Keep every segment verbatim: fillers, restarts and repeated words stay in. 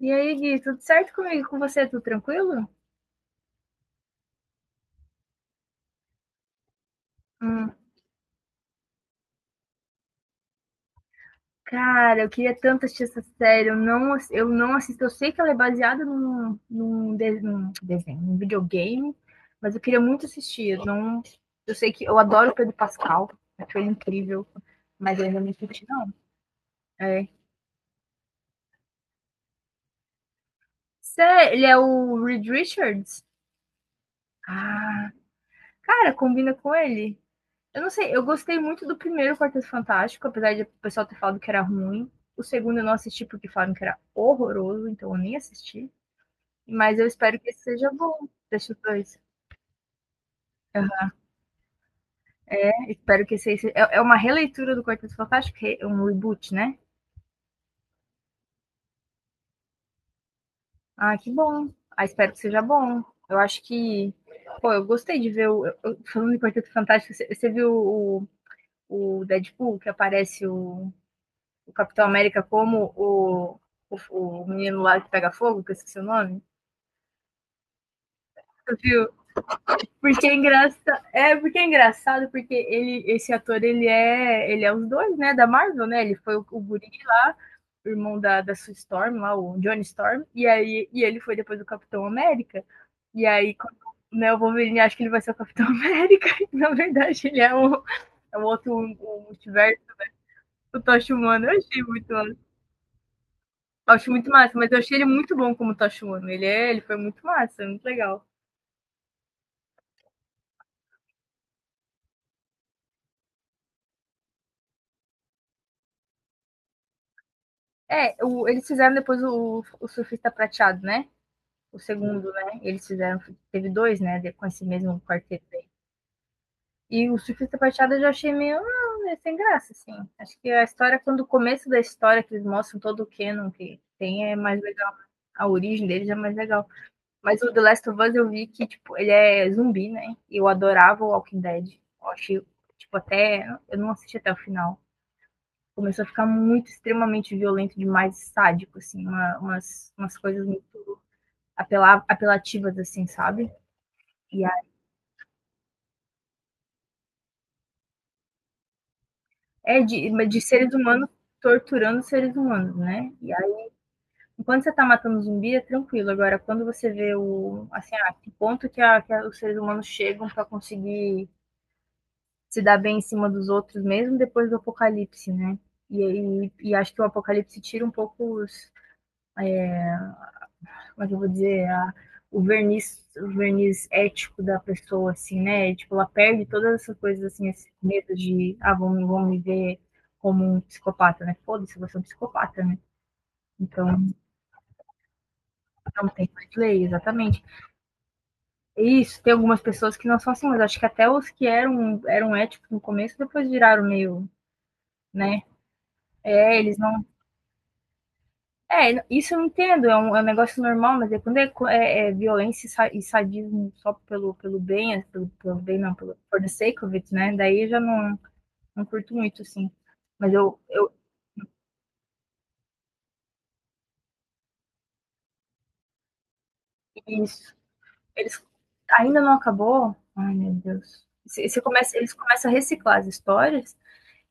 E aí, Gui, tudo certo comigo? Com você? Tudo tranquilo? Hum, cara, eu queria tanto assistir essa série. Eu não, ass- eu não assisto. Eu sei que ela é baseada num, num, de- num desenho, num videogame, mas eu queria muito assistir. Eu, não, eu sei que eu adoro o Pedro Pascal, acho ele incrível, mas eu ainda não assisti, não. É. Cê- Ele é o Reed Richards? Ah, cara, combina com ele. Eu não sei, eu gostei muito do primeiro Quarteto Fantástico, apesar de o pessoal ter falado que era ruim. O segundo eu não assisti porque falaram que era horroroso, então eu nem assisti. Mas eu espero que esse seja bom, desses dois. Uhum. Espero que esse, é é uma releitura do Quarteto Fantástico, re- um reboot, né? Ah, que bom. Ah, espero que seja bom. Eu acho que. Pô, eu gostei de ver o. Eu- eu- falando de Quarteto Fantástico, você, você viu o, o Deadpool, que aparece o, o Capitão América como o, o, o menino lá que pega fogo, que eu esqueci o nome, viu? Porque é engraçado, é porque é engraçado porque ele, esse ator, ele é, ele é os dois, né, da Marvel, né? Ele foi o, o guri lá, o irmão da, da Sue Storm lá, o Johnny Storm, e aí e ele foi depois o Capitão América. E aí quando, né, o Wolverine acha que ele vai ser o Capitão América, e na verdade ele é o, é o outro, o multiverso do Tocha Humana. Eu achei muito. Eu acho muito massa, mas eu achei ele muito bom como Tachimono. Ele é, ele foi muito massa, muito legal. É, o- eles fizeram depois o, o Surfista Prateado, né? O segundo, né? Eles fizeram, teve dois, né? Com esse mesmo quarteto aí. E o Surfista Prateado eu já achei meio ah, é sem graça, assim. Acho que a história, quando o começo da história, que eles mostram todo o canon que tem, é mais legal. A origem deles é mais legal. Mas o The Last of Us eu vi que, tipo, ele é zumbi, né? E eu adorava o Walking Dead. Eu achei, tipo, até. Eu não assisti até o final. Começou a ficar muito, extremamente violento, demais sádico, assim, uma, umas, umas coisas muito apela, apelativas, assim, sabe? E aí, é de, de seres humanos torturando seres humanos, né? E aí, enquanto você tá matando zumbi, é tranquilo. Agora, quando você vê o, assim, ah, que ponto que, a, que a, os seres humanos chegam para conseguir se dar bem em cima dos outros, mesmo depois do apocalipse, né? E, e, e acho que o apocalipse tira um pouco os, como é que eu vou dizer, a, o verniz, o verniz ético da pessoa, assim, né? Tipo, ela perde todas essas coisas, assim, esse medo de, ah, vão, me- vão me ver como um psicopata, né? Foda-se, você é um psicopata, né? Então, não tem mais lei, exatamente. E isso, tem algumas pessoas que não são assim, mas acho que até os que eram, eram éticos no começo, depois viraram meio, né? É, eles não. É, isso eu entendo, é um, é um negócio normal, mas é quando é, é, é violência e sa- e sadismo só pelo, pelo bem, é, pelo, pelo bem não, pelo, for the sake of it, né? Daí eu já não, não curto muito, assim. Mas eu, eu isso, eles ainda não acabou. Ai, meu Deus. Você você começa, eles começam a reciclar as histórias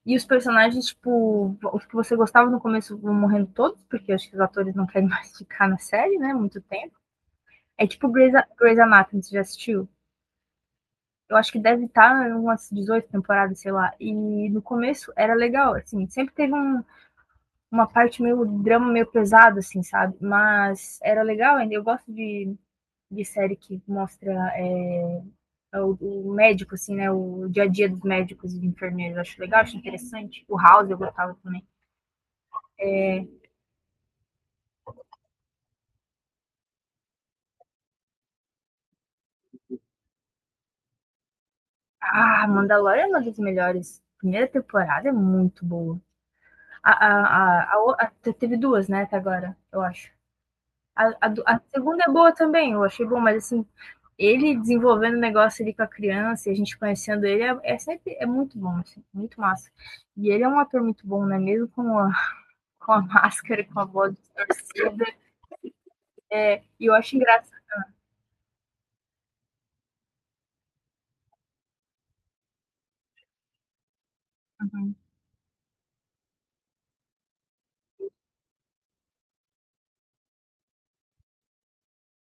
e os personagens, tipo, os que você gostava no começo vão morrendo todos, porque eu acho que os atores não querem mais ficar na série, né? Muito tempo. É tipo Grey's, Grey's Anatomy, você já assistiu? Eu acho que deve estar em umas dezoito temporadas, sei lá. E no começo era legal, assim, sempre teve um, uma parte meio drama, meio pesado, assim, sabe? Mas era legal ainda. Eu gosto de, de série que mostra é, o, o, médico, assim, né? O dia a dia dos médicos e de enfermeiros. Eu acho legal, acho interessante. O House eu gostava também. Ah, Mandalorian é uma das melhores. Primeira temporada é muito boa. A, a, a, a, a Teve duas, né, até agora, eu acho. A, a a segunda é boa também, eu achei bom, mas assim, ele desenvolvendo o negócio ali com a criança, a gente conhecendo ele, é, é sempre é muito bom, assim, muito massa. E ele é um ator muito bom, né? Mesmo com a, com a máscara, com a voz distorcida. É, e eu acho engraçado. Né?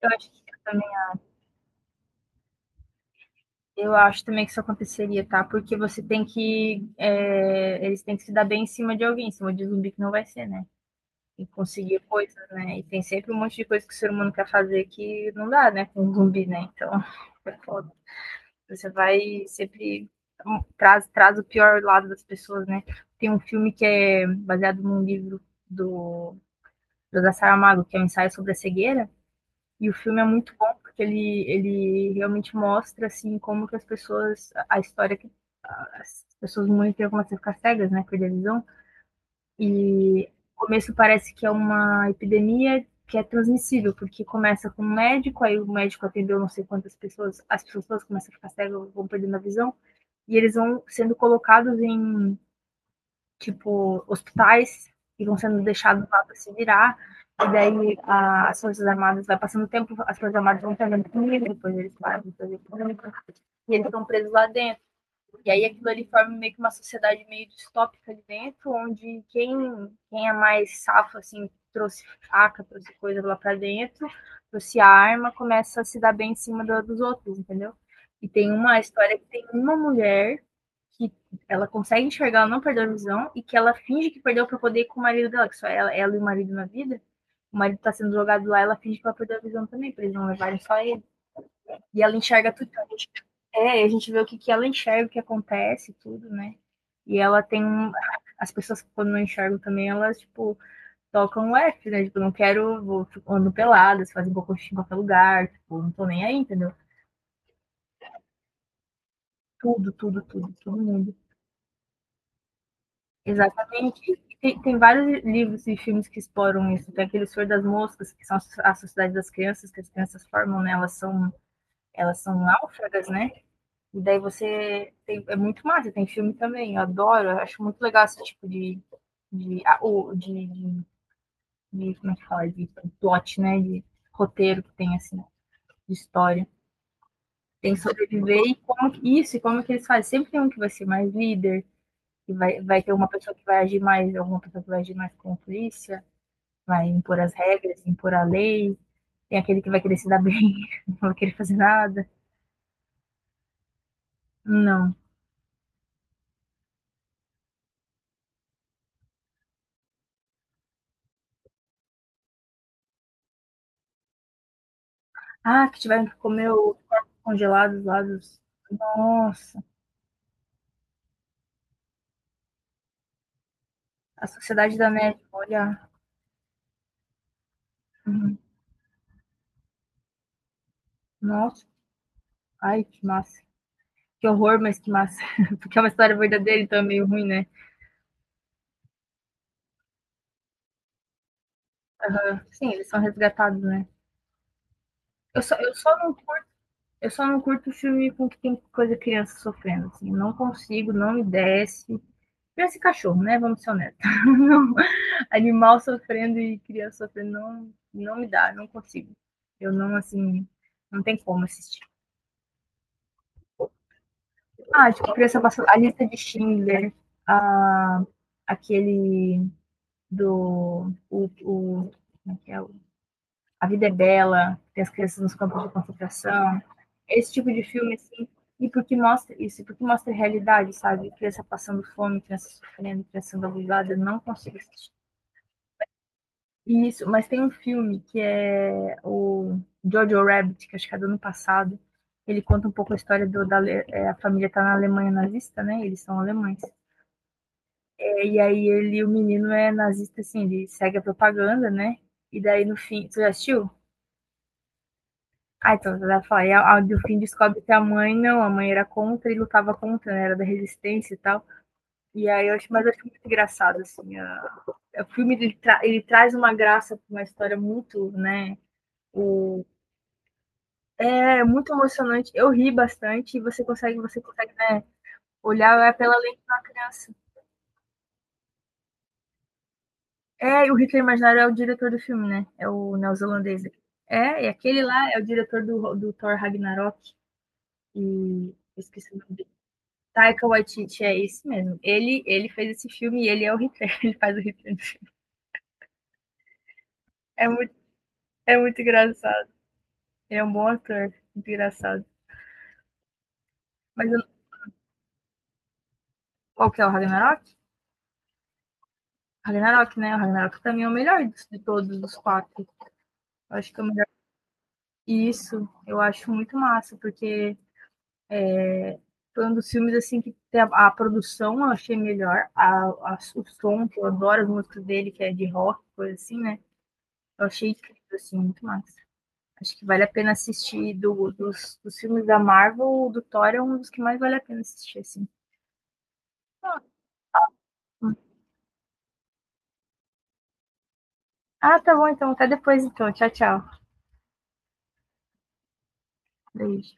Eu acho que eu também, eu acho também que isso aconteceria, tá? Porque você tem que. É, eles têm que se dar bem em cima de alguém, em cima de zumbi que não vai ser, né? E conseguir coisas, né? E tem sempre um monte de coisa que o ser humano quer fazer que não dá, né? Com um zumbi, né? Então, é foda. Você vai sempre. hum, traz, traz o pior lado das pessoas, né? Tem um filme que é baseado num livro do José Saramago, que é um ensaio sobre a cegueira, e o filme é muito bom porque ele, ele realmente mostra assim como que as pessoas, a história que as pessoas muito têm como a ficar cegas, né, perder a visão, e no começo parece que é uma epidemia que é transmissível, porque começa com um médico, aí o médico atendeu não sei quantas pessoas, as pessoas começam a ficar cegas, vão perdendo a visão, e eles vão sendo colocados em, tipo, hospitais, e vão sendo deixados lá para se virar, e daí a, as Forças Armadas, vai passando o tempo, as Forças Armadas vão pegando comida, depois eles param de fazer comida, e eles estão presos lá dentro, e aí aquilo ali forma meio que uma sociedade meio distópica ali dentro, onde quem, quem é mais safo, assim, trouxe faca, trouxe coisa lá pra dentro, trouxe arma, começa a se dar bem em cima do- dos outros, entendeu? E tem uma história que tem uma mulher que ela consegue enxergar, ela não perdeu a visão, e que ela finge que perdeu pra poder ir com o marido dela, que só ela, ela e o marido na vida. O marido tá sendo jogado lá, ela finge que ela perdeu a visão também, pra eles não levarem só ele. E ela enxerga tudo. A gente, é, a gente vê o que, que ela enxerga, o que acontece, tudo, né? E ela tem. Um. As pessoas que quando não enxergam também, elas, tipo, tocam o F, né? Tipo, não quero, vou, ando peladas, fazem cocô em qualquer lugar, tipo, não tô nem aí, entendeu? Tudo, tudo, tudo, todo mundo. Exatamente. Tem, tem vários livros e filmes que exploram isso. Tem aquele Senhor das Moscas, que são a sociedade das crianças, que as crianças formam, né? Elas são, elas são náufragas, né? E daí você tem, é muito massa, tem filme também, eu adoro, eu acho muito legal esse tipo de, de, ah, de, de, de- como é que fala, de plot, né, de roteiro que tem, assim, de história. Tem que sobreviver e como que- isso, e como que eles fazem. Sempre tem um que vai ser mais líder, que vai, vai ter uma pessoa que vai agir mais, alguma pessoa que vai agir mais como polícia, vai impor as regras, impor a lei, tem aquele que vai querer se dar bem, não vai querer fazer nada. Não. Ah, que tiveram que comer os corpos congelados lá dos. Nossa, a Sociedade da Neve, olha. Uhum. Nossa, ai, que massa. Que horror, mas que massa. Porque é uma história verdadeira, então é meio ruim, né? Aham. Sim, eles são resgatados, né? Eu só, eu só não curto, eu só não curto filme com que tem coisa criança sofrendo, assim. Eu não consigo, não me desce. Esse cachorro, né? Vamos ser honestos. Animal sofrendo e criança sofrendo não, não me dá, não consigo. Eu não, assim, não tem como assistir. Ah, tipo, criança passou a lista de Schindler, a, aquele do. O, o, como é que é? A Vida é Bela, tem as crianças nos campos de concentração. Esse tipo de filme, assim, e porque mostra isso, porque mostra a realidade, sabe? Criança passando fome, criança sofrendo, criança sendo abusada, não consigo assistir. Isso, mas tem um filme que é o Jojo Rabbit, que acho que é do ano passado. Ele conta um pouco a história do, da Ale- é, a família tá na Alemanha nazista, né? Eles são alemães. É, e aí ele, o menino é nazista, assim, ele segue a propaganda, né? E daí no fim, você já assistiu? Ah, então você vai falar. E a, a, no fim descobre que a mãe não, a mãe era contra e lutava contra, né? Era da resistência e tal. E aí eu acho, mas eu acho muito engraçado, assim. A- o filme ele, tra- ele traz uma graça pra uma história muito, né? O é muito emocionante. Eu ri bastante e você consegue, você consegue, né, olhar é pela lente da criança. É, e o Hitler Imaginário é o diretor do filme, né? É o neozelandês. É, e aquele lá é o diretor do, do Thor Ragnarok. E esqueci o nome dele. Taika Waititi, é esse mesmo. Ele, ele fez esse filme e ele é o Hitler. Ele faz o Hitler. É muito, é muito engraçado. Ele é um bom ator. Muito engraçado. Mas eu, qual que é o Ragnarok? Ragnarok, né? O Ragnarok também é o melhor de, de todos os quatro. Eu acho que é o. Isso, eu acho muito massa, porque foi um dos filmes assim que te- a a produção eu achei melhor, a, a- o som, que eu adoro as músicas dele, que é de rock, coisa assim, né? Eu achei incrível, assim, muito massa. Acho que vale a pena assistir do- dos, dos filmes da Marvel, o do Thor é um dos que mais vale a pena assistir, assim. Ah, tá bom, então. Até depois, então. Tchau, tchau. Beijo.